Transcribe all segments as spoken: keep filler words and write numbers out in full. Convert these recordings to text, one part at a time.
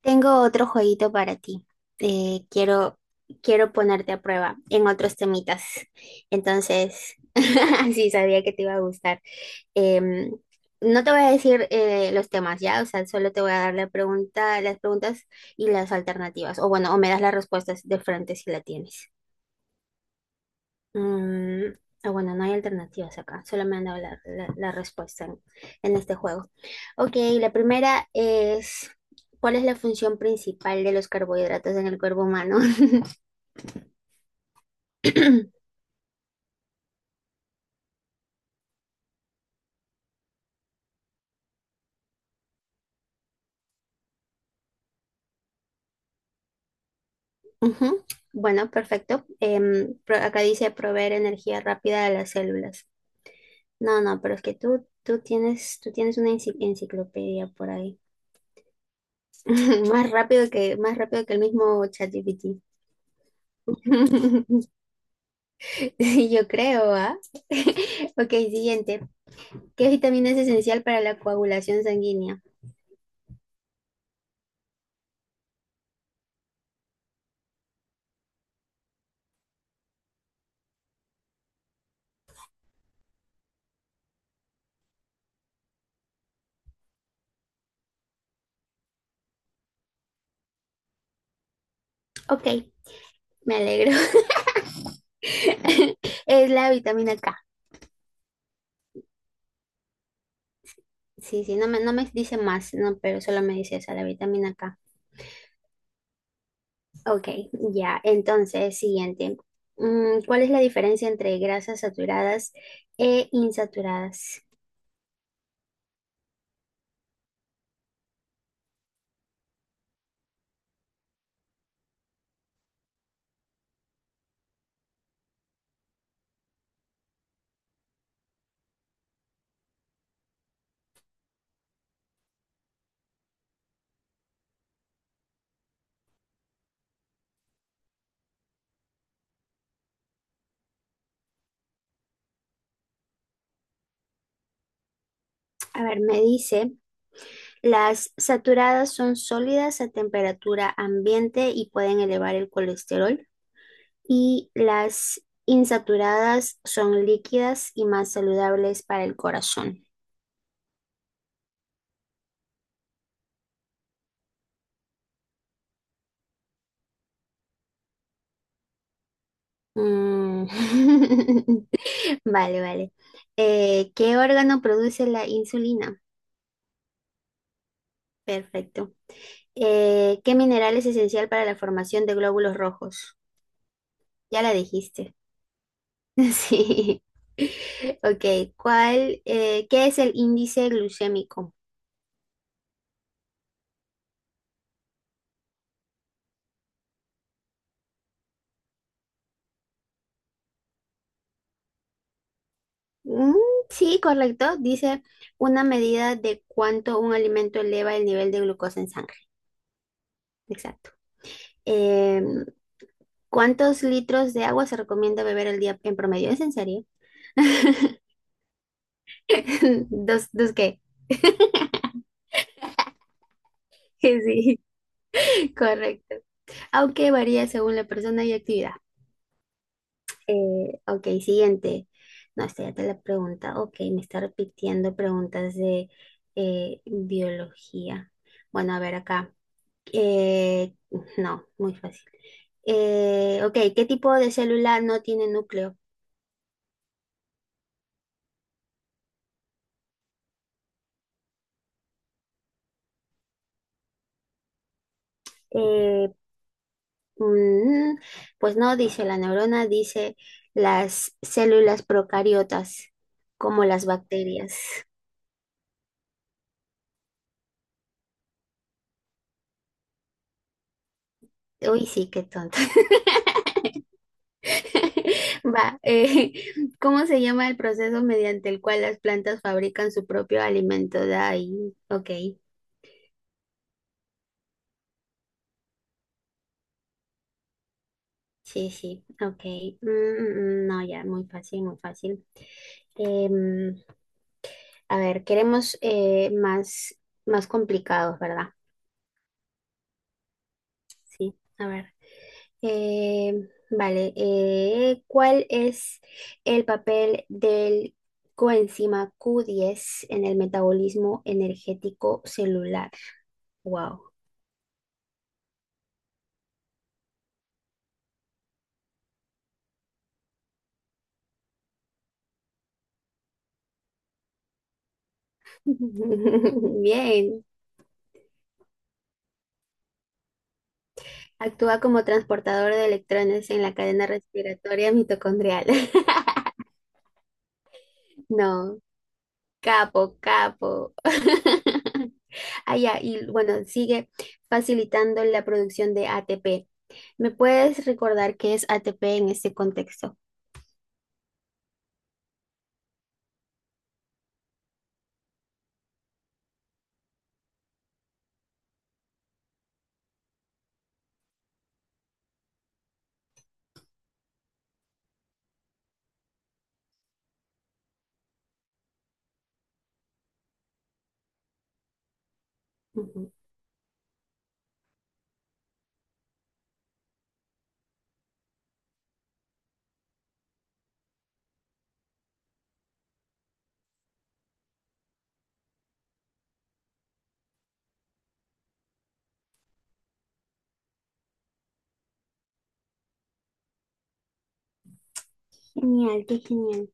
Tengo otro jueguito para ti. Eh, quiero, quiero ponerte a prueba en otros temitas. Entonces, sí, sabía que te iba a gustar. Em, no te voy a decir eh, los temas, ¿ya? O sea, solo te voy a dar la pregunta, las preguntas y las alternativas. O bueno, o me das las respuestas de frente si la tienes. Mm, ah, bueno, no hay alternativas acá, solo me han dado la, la- la respuesta en, en este juego. Ok, la primera es, ¿cuál es la función principal de los carbohidratos en el cuerpo humano? Ujú. Bueno, perfecto. Em, pro- acá dice proveer energía rápida a las células. No, no, pero es que tú, tú tienes, tú tienes una enci- enciclopedia por ahí. Más rápido que, más rápido que el mismo ChatGPT. Sí, yo creo, ¿ah? Ok, siguiente. ¿Qué vitamina es esencial para la coagulación sanguínea? Ok, me alegro. Es la vitamina K. Sí, sí, no me, no me dice más, no, pero solo me dice esa, la vitamina K. Ok, ya. Entonces, siguiente. Mm, ¿cuál es la diferencia entre grasas saturadas e insaturadas? A ver, me dice, las saturadas son sólidas a temperatura ambiente y pueden elevar el colesterol y las insaturadas son líquidas y más saludables para el corazón. Mm. Vale, vale. Eh, ¿qué órgano produce la insulina? Perfecto. Eh, ¿qué mineral es esencial para la formación de glóbulos rojos? Ya la dijiste. Sí. Ok, ¿cuál, eh, ¿qué es el índice glucémico? Mm, sí, correcto. Dice una medida de cuánto un alimento eleva el nivel de glucosa en sangre. Exacto. Eh, ¿cuántos litros de agua se recomienda beber al día en promedio? ¿Es en serio? ¿Dos, dos qué? Sí, correcto. Aunque varía según la persona y actividad. Eh, ok, siguiente. No, esta ya te la pregunta. Ok, me está repitiendo preguntas de eh, biología. Bueno, a ver acá. Eh, no, muy fácil. Eh, ok, ¿qué tipo de célula no tiene núcleo? Eh, Mm, pues no dice la neurona, dice las células procariotas, como las bacterias. Uy, sí, qué tonto. Va, eh, ¿cómo se llama el proceso mediante el cual las plantas fabrican su propio alimento? De ahí, ok, sí, sí, ok. Mm, mm, mm, no, ya, muy fácil, muy fácil. Em, a ver, queremos eh, más, más complicados, ¿verdad? Sí, a ver. Eh, vale, eh, ¿cuál es el papel del coenzima Q diez en el metabolismo energético celular? Wow. Bien. Actúa como transportador de electrones en la cadena respiratoria mitocondrial. No, capo, capo. Ah, ya, y bueno, sigue facilitando la producción de A T P. ¿Me puedes recordar qué es A T P en este contexto? Ujú. Genial, qué genial.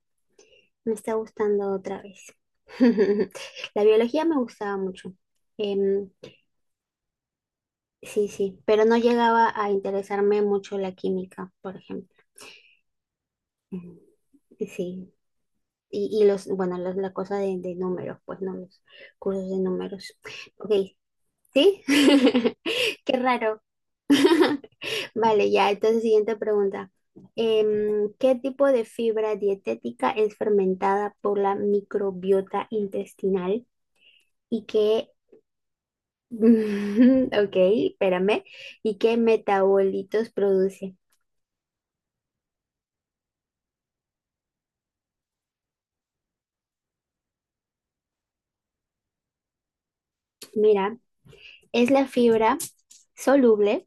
Me está gustando otra vez. La biología me gustaba mucho. Em, sí, sí, pero no llegaba a interesarme mucho la química, por ejemplo. Ujú. Sí, y, y los, bueno, los- la cosa de, de números, pues no, los cursos de números. Ok, ¿sí? Qué raro. Vale, ya, entonces siguiente pregunta. Em, ¿qué tipo de fibra dietética es fermentada por la microbiota intestinal? Y qué, ok, espérame, y qué metabolitos produce. Mira, es la fibra soluble,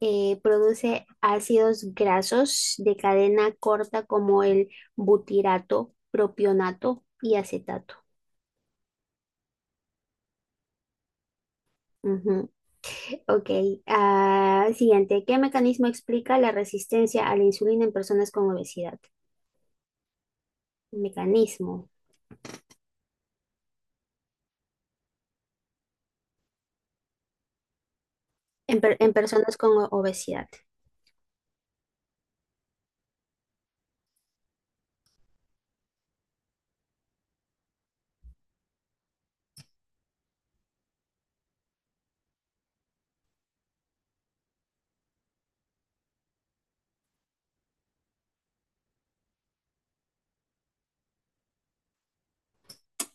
eh, produce ácidos grasos de cadena corta como el butirato, propionato y acetato. Ujú. Ok, ah, siguiente, ¿qué mecanismo explica la resistencia a la insulina en personas con obesidad? Mecanismo en per- en personas con o- obesidad.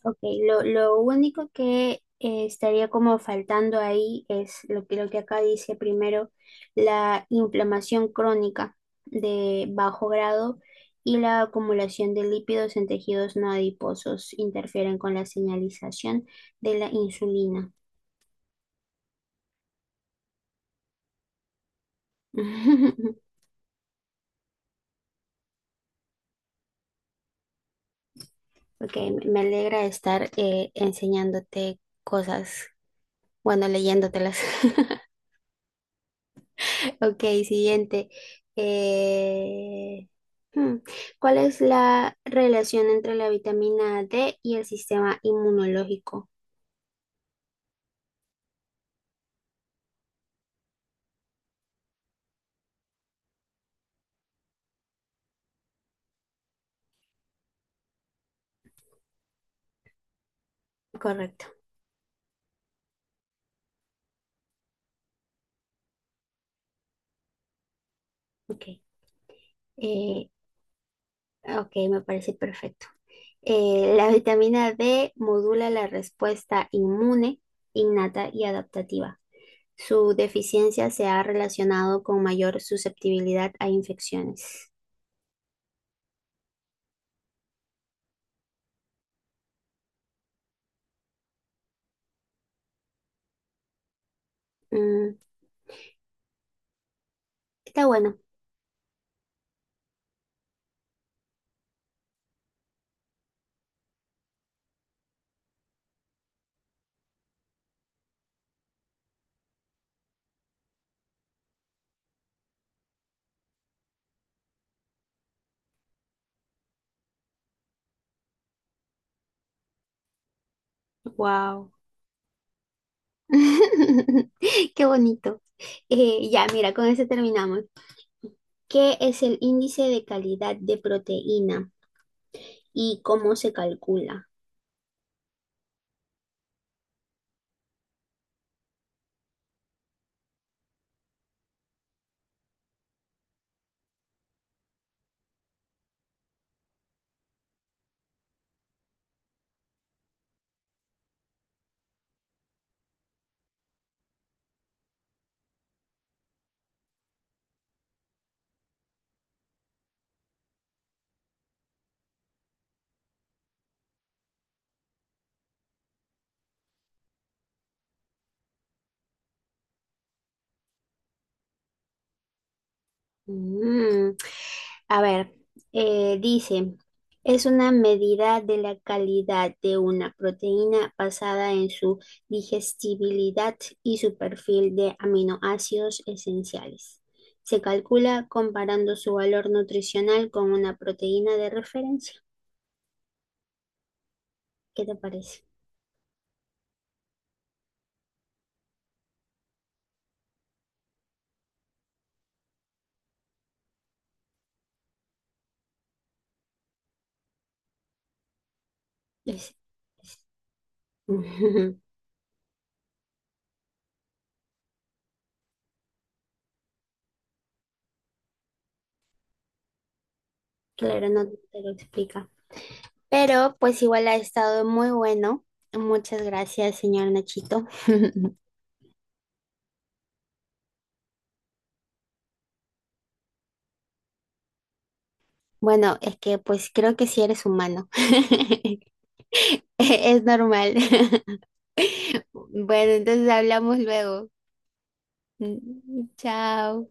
Ok, lo, lo único que eh, estaría como faltando ahí es lo que, lo que acá dice primero, la inflamación crónica de bajo grado y la acumulación de lípidos en tejidos no adiposos interfieren con la señalización de la insulina. Ok, me alegra estar eh, enseñándote cosas, bueno, leyéndotelas. Ok, siguiente. Eh, hmm, ¿cuál es la relación entre la vitamina D y el sistema inmunológico? Correcto. Ok. Eh, ok, me parece perfecto. Eh, la vitamina D modula la respuesta inmune, innata y adaptativa. Su deficiencia se ha relacionado con mayor susceptibilidad a infecciones. Mm, está bueno. Wow. Qué bonito. Eh, ya, mira, con eso terminamos. ¿Qué es el índice de calidad de proteína y cómo se calcula? Mm, a ver, eh, dice, es una medida de la calidad de una proteína basada en su digestibilidad y su perfil de aminoácidos esenciales. Se calcula comparando su valor nutricional con una proteína de referencia. ¿Qué te parece? Es- Ujú. Claro, no te lo explica. Pero pues igual ha estado muy bueno. Muchas gracias, señor Nachito. Bueno, es que pues creo que sí eres humano. Es normal. Bueno, entonces hablamos luego. Mm, chao.